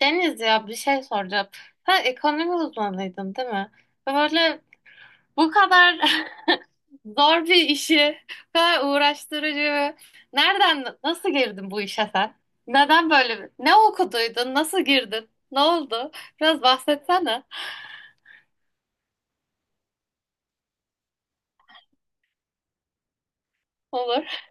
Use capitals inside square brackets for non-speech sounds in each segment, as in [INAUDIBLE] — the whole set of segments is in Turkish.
Deniz, ya bir şey soracağım. Sen ekonomi uzmanıydın, değil mi? Ve böyle bu kadar [LAUGHS] zor bir işi, bu kadar uğraştırıcı. Nereden, nasıl girdin bu işe sen? Neden böyle? Ne okuduydun? Nasıl girdin? Ne oldu? Biraz bahsetsene. Olur.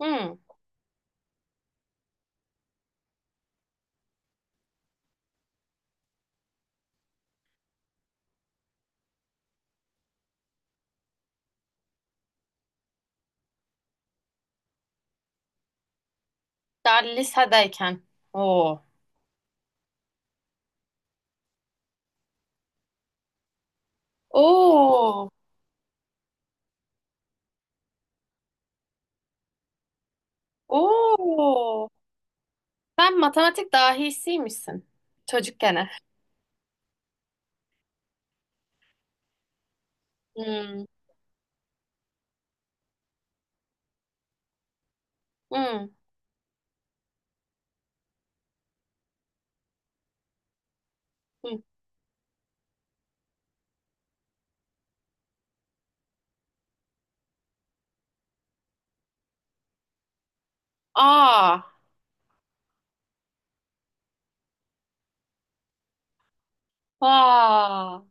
Hmm, daha lisedeyken. Oo. Oo. Oo. Sen matematik dahisiymişsin. Çocukken. Hmm. Hmm. Hmm. Aa. Aa.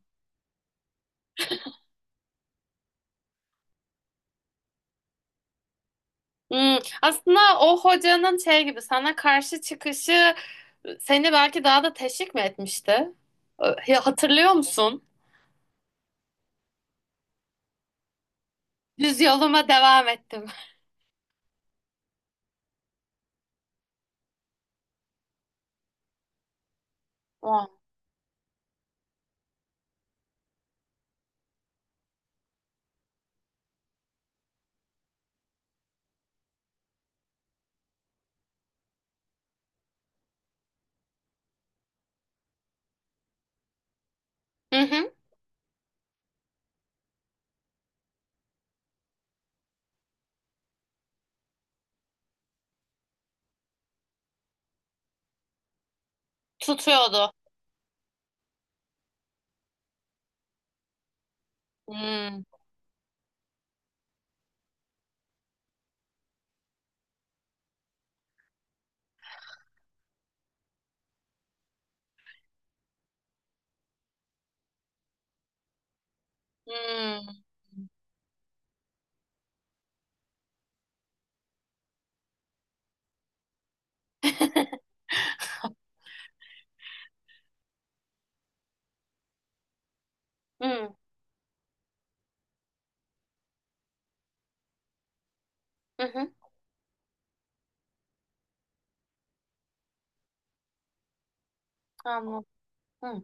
Hmm. Aslında o hocanın şey gibi sana karşı çıkışı seni belki daha da teşvik mi etmişti? Hatırlıyor musun? Düz yoluma devam ettim. Aa. Hı hı. Tutuyordu. Hmm. Hmm. Hmm. Hı hı. Anladım. Hmm.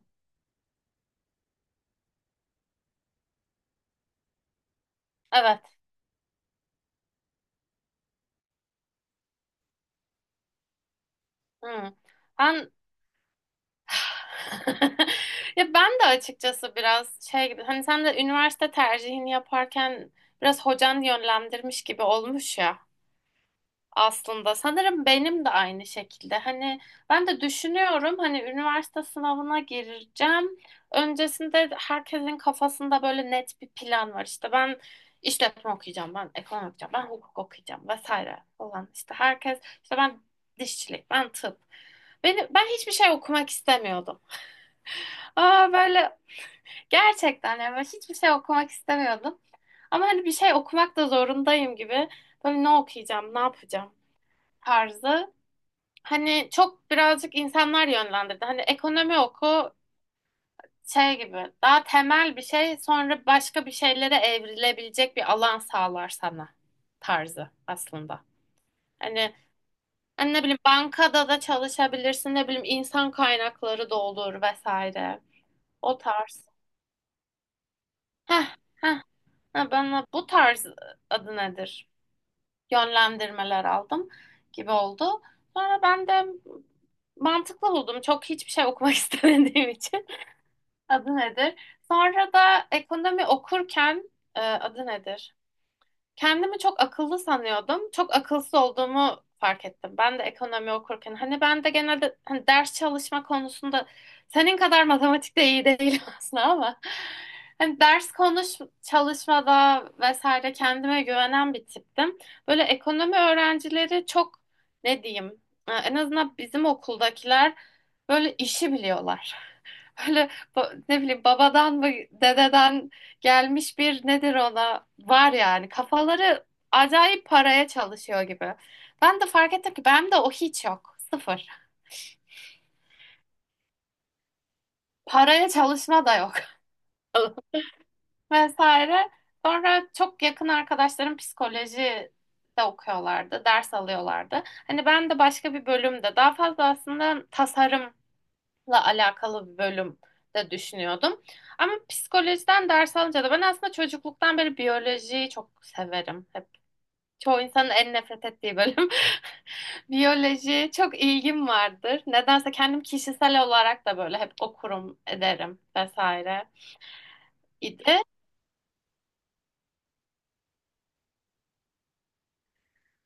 Evet. Hmm. Ben [LAUGHS] ya ben de açıkçası biraz şey gibi hani sen de üniversite tercihini yaparken biraz hocan yönlendirmiş gibi olmuş ya. Aslında sanırım benim de aynı şekilde. Hani ben de düşünüyorum, hani üniversite sınavına gireceğim. Öncesinde herkesin kafasında böyle net bir plan var. İşte ben işletme okuyacağım, ben ekonomi okuyacağım, ben hukuk okuyacağım vesaire falan. İşte herkes, işte ben dişçilik, ben tıp. Beni, ben hiçbir şey okumak istemiyordum. Aa, böyle gerçekten, yani ben hiçbir şey okumak istemiyordum. Ama hani bir şey okumak da zorundayım gibi. Böyle ne okuyacağım, ne yapacağım tarzı. Hani çok birazcık insanlar yönlendirdi. Hani ekonomi oku, şey gibi daha temel bir şey sonra başka bir şeylere evrilebilecek bir alan sağlar sana tarzı aslında. Hani, hani ne bileyim bankada da çalışabilirsin, ne bileyim insan kaynakları da olur vesaire. O tarz. Heh, heh, ha, bana bu tarz, adı nedir, yönlendirmeler aldım gibi oldu. Sonra ben de mantıklı buldum. Çok hiçbir şey okumak [LAUGHS] istemediğim için. Adı nedir? Sonra da ekonomi okurken adı nedir, kendimi çok akıllı sanıyordum. Çok akılsız olduğumu fark ettim. Ben de ekonomi okurken. Hani ben de genelde, hani ders çalışma konusunda senin kadar matematikte iyi değilim [LAUGHS] aslında, ama hani ders konuş çalışmada vesaire kendime güvenen bir tiptim. Böyle ekonomi öğrencileri çok, ne diyeyim, en azından bizim okuldakiler böyle işi biliyorlar. Böyle ne bileyim babadan mı, dededen gelmiş bir nedir ona var, yani kafaları acayip paraya çalışıyor gibi. Ben de fark ettim ki benim de o hiç yok. Sıfır. Paraya çalışma da yok. [LAUGHS] Vesaire. Sonra çok yakın arkadaşlarım psikoloji de okuyorlardı, ders alıyorlardı. Hani ben de başka bir bölümde, daha fazla aslında tasarım alakalı bir bölüm de düşünüyordum. Ama psikolojiden ders alınca da, ben aslında çocukluktan beri biyolojiyi çok severim. Hep çoğu insanın en nefret ettiği bölüm. [LAUGHS] Biyoloji çok ilgim vardır. Nedense kendim kişisel olarak da böyle hep okurum, ederim vesaire idi.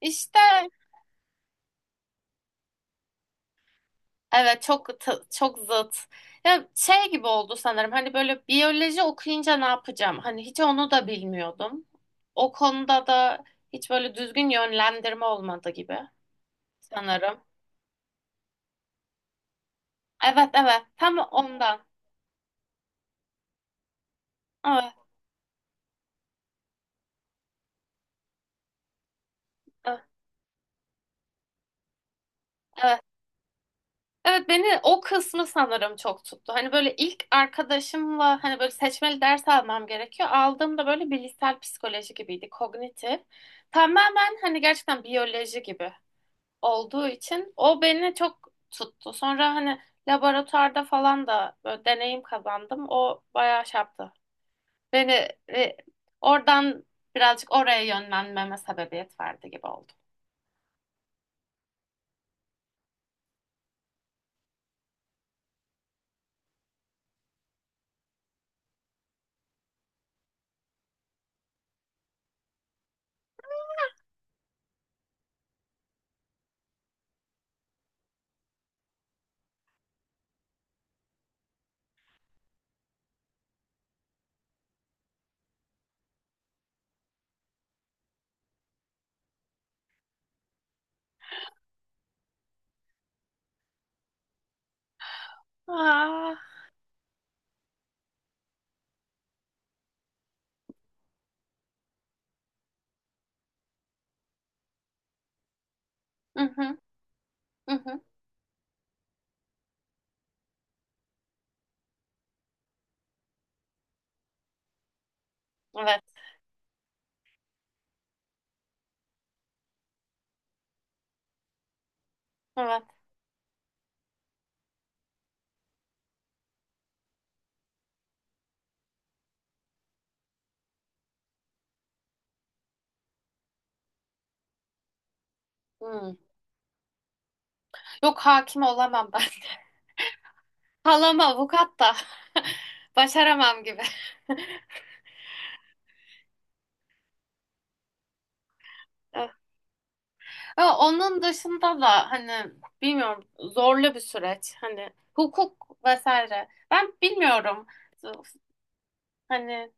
İşte evet çok çok zıt. Ya şey gibi oldu sanırım. Hani böyle biyoloji okuyunca ne yapacağım? Hani hiç onu da bilmiyordum. O konuda da hiç böyle düzgün yönlendirme olmadı gibi sanırım. Evet, evet tam ondan. Evet evet. Evet Evet, beni o kısmı sanırım çok tuttu. Hani böyle ilk arkadaşımla, hani böyle seçmeli ders almam gerekiyor. Aldığımda böyle bilişsel psikoloji gibiydi, kognitif. Tamamen hani gerçekten biyoloji gibi olduğu için o beni çok tuttu. Sonra hani laboratuvarda falan da böyle deneyim kazandım. O bayağı şey yaptı. Beni e, oradan birazcık oraya yönlenmeme sebebiyet verdi gibi oldu. Aa, hı hı, hı hı. Evet, evet. Hmm. Yok, hakim olamam ben. [LAUGHS] Halam avukat da. [LAUGHS] Başaramam gibi. [LAUGHS] Ama onun dışında da hani bilmiyorum, zorlu bir süreç. Hani hukuk vesaire. Ben bilmiyorum. Hani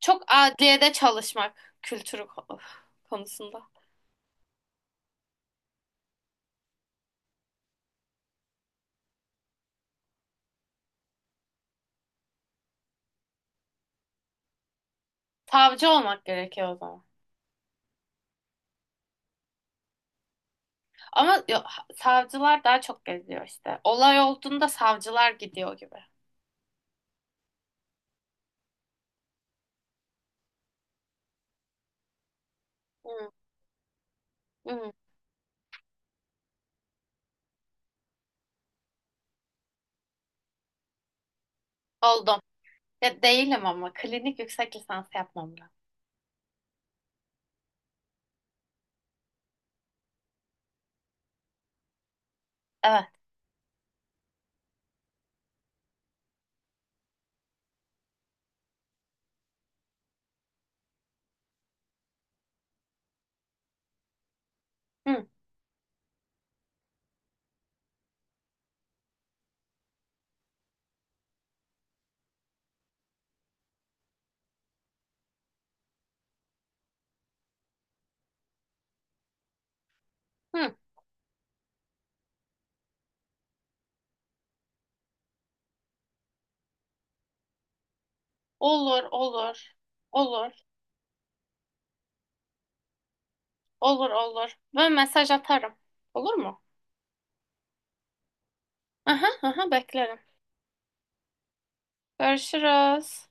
çok adliyede çalışmak kültürü konusunda. Savcı olmak gerekiyor o zaman. Ama savcılar daha çok geziyor işte. Olay olduğunda savcılar gidiyor gibi. Hı, hı, oldum. Ya değilim ama klinik yüksek lisans yapmam lazım. Evet. Hı, hı. Olur, olur, olur. Olur olur. Ben mesaj atarım. Olur mu? Aha aha beklerim. Görüşürüz.